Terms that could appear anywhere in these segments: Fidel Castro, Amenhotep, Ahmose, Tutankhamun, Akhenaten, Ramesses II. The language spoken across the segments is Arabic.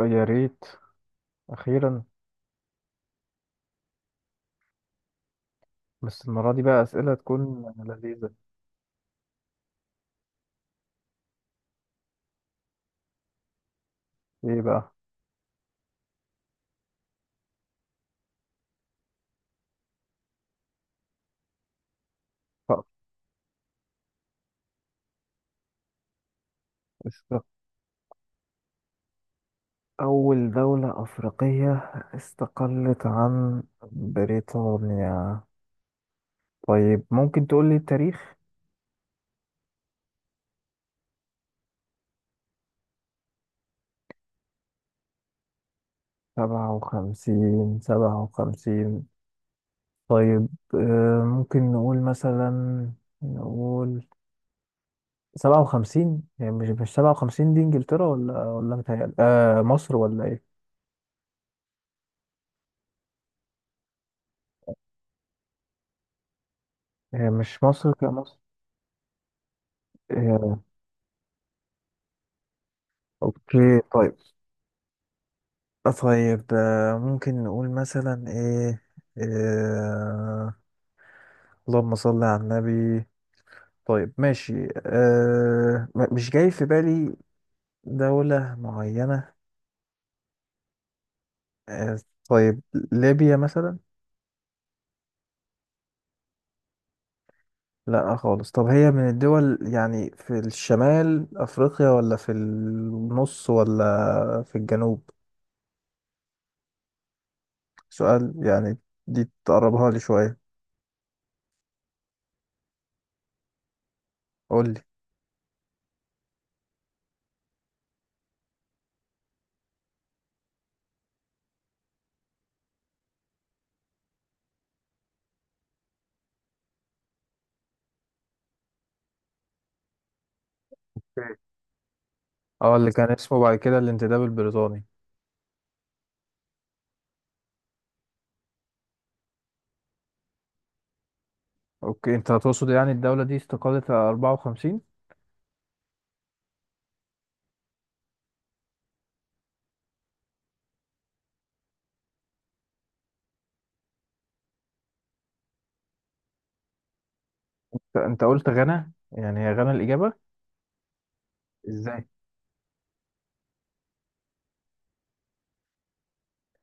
يا ريت. أخيرا. بس المرة دي بقى أسئلة تكون لذيذة. إيه بقى؟ طب، است- أول دولة أفريقية استقلت عن بريطانيا. طيب ممكن تقول لي التاريخ؟ سبعة وخمسين سبعة وخمسين. طيب ممكن نقول مثلا نقول سبعة وخمسين، يعني مش سبعة وخمسين دي إنجلترا، ولا ولا متهيألي مصر ولا إيه؟ مش مصر كمصر. آه، اوكي طيب. طيب ممكن نقول مثلا ايه. آه، اللهم صل على النبي. طيب ماشي، م- مش جاي في بالي دولة معينة. آه، طيب ليبيا مثلا. لا خالص. طب هي من الدول يعني في الشمال أفريقيا، ولا في النص، ولا في الجنوب؟ سؤال يعني دي تقربها لي شوية. قول لي. اوكي. اه، اللي كان اسمه بعد كده الانتداب البريطاني. اوكي، انت تقصد يعني الدولة دي استقالت على 54؟ انت قلت غانا، يعني هي غانا الإجابة؟ ازاي؟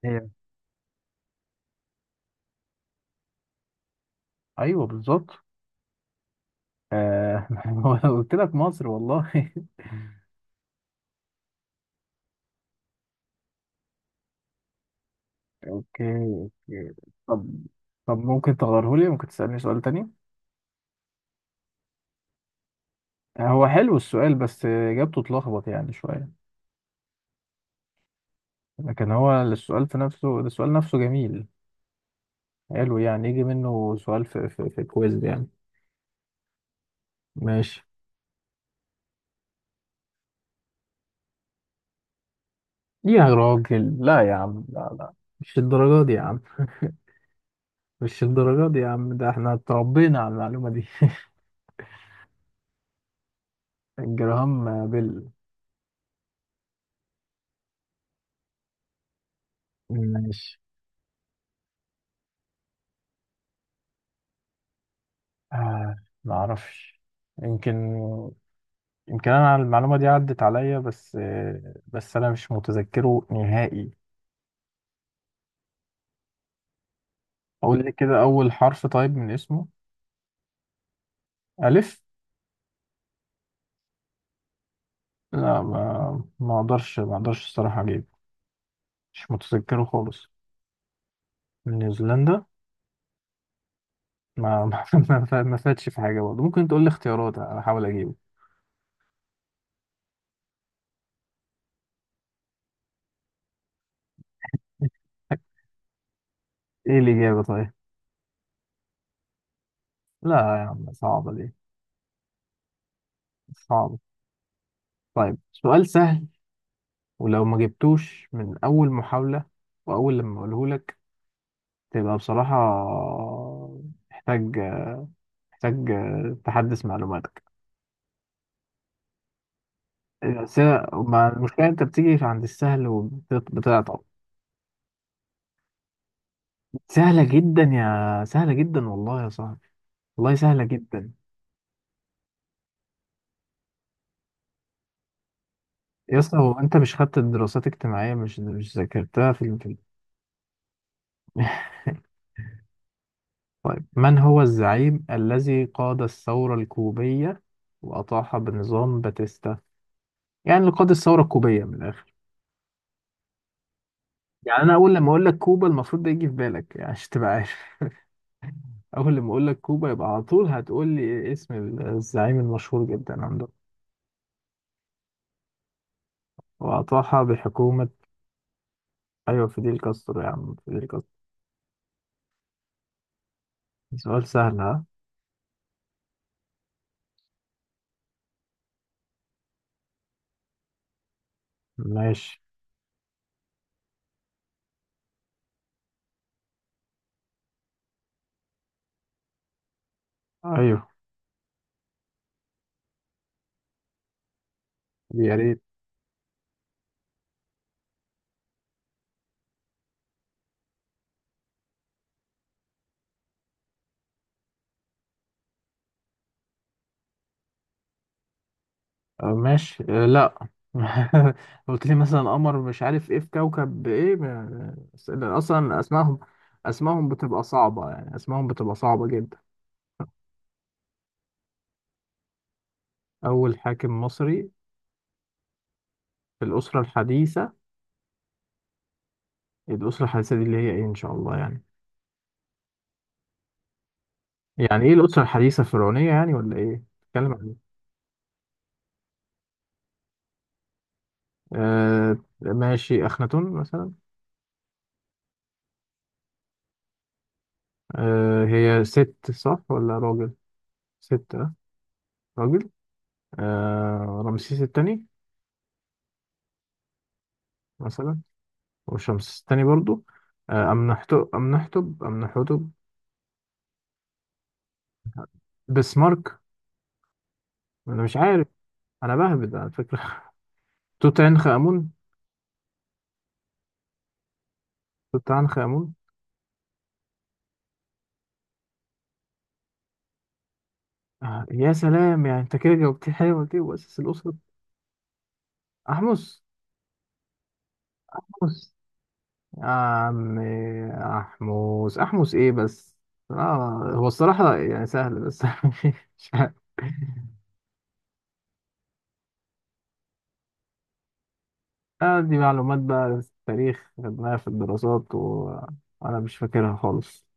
هي ايوه بالظبط. آه. قلت لك مصر والله. اوكي. اوكي. طب، طب ممكن تغيره لي، ممكن تسألني سؤال تاني. هو حلو السؤال بس اجابته تلخبط يعني شوية. لكن هو السؤال في نفسه، السؤال نفسه جميل. حلو، يعني يجي منه سؤال في كويز يعني. ماشي. يا راجل لا، يا عم لا لا، مش الدرجة دي يا عم، مش الدرجة دي يا عم، ده احنا اتربينا على المعلومة دي. جراهام بيل. ماشي. آه. ما اعرفش. يمكن، يمكن انا المعلومة دي عدت عليا، بس بس انا مش متذكره نهائي. اقول لي كده اول حرف طيب من اسمه. الف. لا، ما اقدرش، ما اقدرش الصراحة اجيب. مش متذكره خالص. نيوزيلندا. ما ما، ما فاتش في حاجة برضه، ممكن تقول لي اختيارات احاول اجيبه؟ ايه الإجابة طيب؟ لا يا عم، صعبة دي، صعب. طيب سؤال سهل، ولو ما جبتوش من أول محاولة وأول لما أقوله لك، تبقى بصراحة محتاج، محتاج تحدث معلوماتك. بس هي- ما المشكلة أنت بتيجي عند السهل وبتعطل. سهلة جدا، يا سهلة جدا والله يا صاحبي، والله سهلة جدا. يا اسطى هو أنت مش خدت الدراسات الاجتماعية؟ مش ذاكرتها في ال- في ال-. من هو الزعيم الذي قاد الثورة الكوبية وأطاح بنظام باتيستا؟ يعني لقاد الثورة الكوبية من الآخر. يعني أنا أول لما أقول لك كوبا المفروض ده يجي في بالك، يعني عشان تبقى عارف. أول لما أقول لك كوبا يبقى على طول هتقول لي اسم الزعيم المشهور جدا عندهم وأطاحها بحكومة. أيوة فيديل كاسترو يا عم، فيديل كاسترو. سؤال سهل ها؟ ماشي. أيوه. يا ريت. أه ماشي، أه لأ. قلت لي مثلا قمر مش عارف إيه في كوكب إيه، ما- أصلا أسمائهم، أسمائهم بتبقى صعبة، يعني أسمائهم بتبقى صعبة جدا. أول حاكم مصري في الأسرة الحديثة. الأسرة الحديثة دي اللي هي إيه إن شاء الله يعني؟ يعني إيه الأسرة الحديثة الفرعونية يعني ولا إيه؟ بتتكلم عن إيه؟ آه، ماشي أخناتون مثلا. آه هي ست صح ولا راجل؟ ست أه. راجل. آه رمسيس التاني مثلا، وشمس التاني برضو. آه أمنحتب، أمنحتب، أمنحتب. بسمارك. أنا مش عارف. أنا بهبد على فكرة. توت عنخ آمون، توت عنخ آمون. آه يا سلام، يعني أنت كده جاوبتيه حلوة كده وأسس الأسرة. أحمس. أحمس يا عم، أحمس إيه بس؟ آه هو الصراحة يعني سهل، بس مش عارف. آه دي معلومات بقى في التاريخ خدناها في الدراسات، و- وأنا مش فاكرها خالص.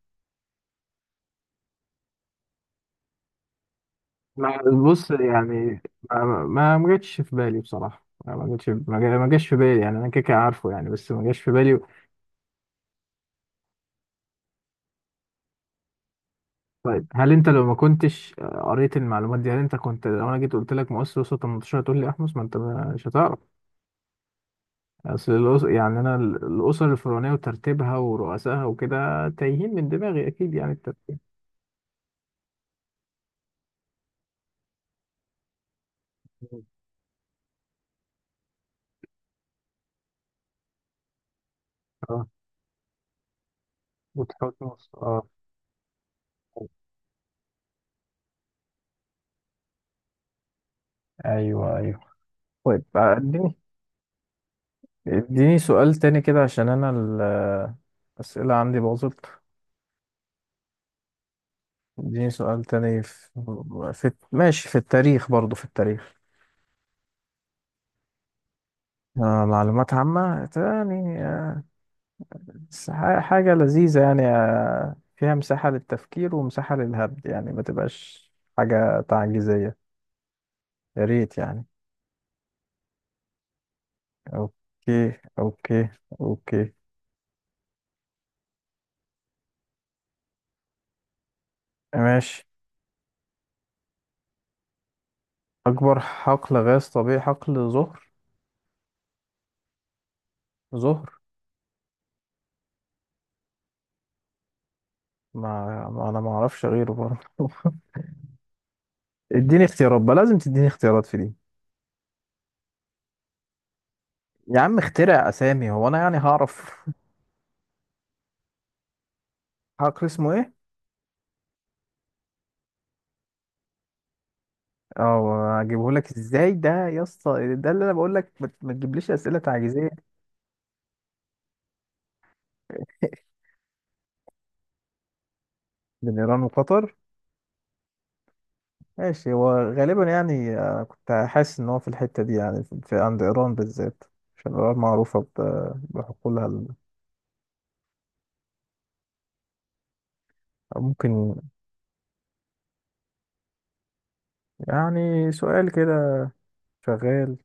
ما بص يعني، ما جاتش في بالي بصراحة، ما جاتش، ما جاش في بالي، يعني أنا كده كده عارفه يعني، بس ما جاش في بالي. طيب هل أنت لو ما كنتش قريت المعلومات دي، هل أنت كنت لو أنا جيت قلت لك مؤسس وسط 18 تقول لي أحمس؟ ما أنت مش هتعرف. اصل الأس... يعني انا ال- الاسر الفرعونيه وترتيبها ورؤسائها وكده تايهين من دماغي اكيد، يعني الترتيب. اه وتحط نص اه. ايوه ايوه. طيب اديني، اديني سؤال تاني كده، عشان انا ال- الاسئله عندي باظت. اديني سؤال تاني في ماشي في التاريخ برضو، في التاريخ. آه معلومات عامه تاني آه، بس ح- حاجه لذيذه يعني، آه فيها مساحه للتفكير ومساحه للهبد، يعني ما تبقاش حاجه تعجيزيه، يا ريت يعني. اوكي. اوكي. اوكي. ماشي. اكبر حقل غاز طبيعي. حقل زهر. زهر. ما انا ما اعرفش غيره برضه. اديني اختيارات بقى، لازم تديني اختيارات في دي. يا عم اخترع اسامي، هو انا يعني هعرف؟ حقل اسمه ايه؟ اه اجيبه لك ازاي ده يا اسطى، ده اللي انا بقول لك، ما تجيبليش اسئله تعجيزيه. بين ايران وقطر. ماشي، هو غالبا يعني، كنت حاسس ان هو في الحتة دي، يعني عند ايران بالذات، عشان ايران معروفة ب- بحقولها ال-. ممكن. يعني سؤال كده شغال.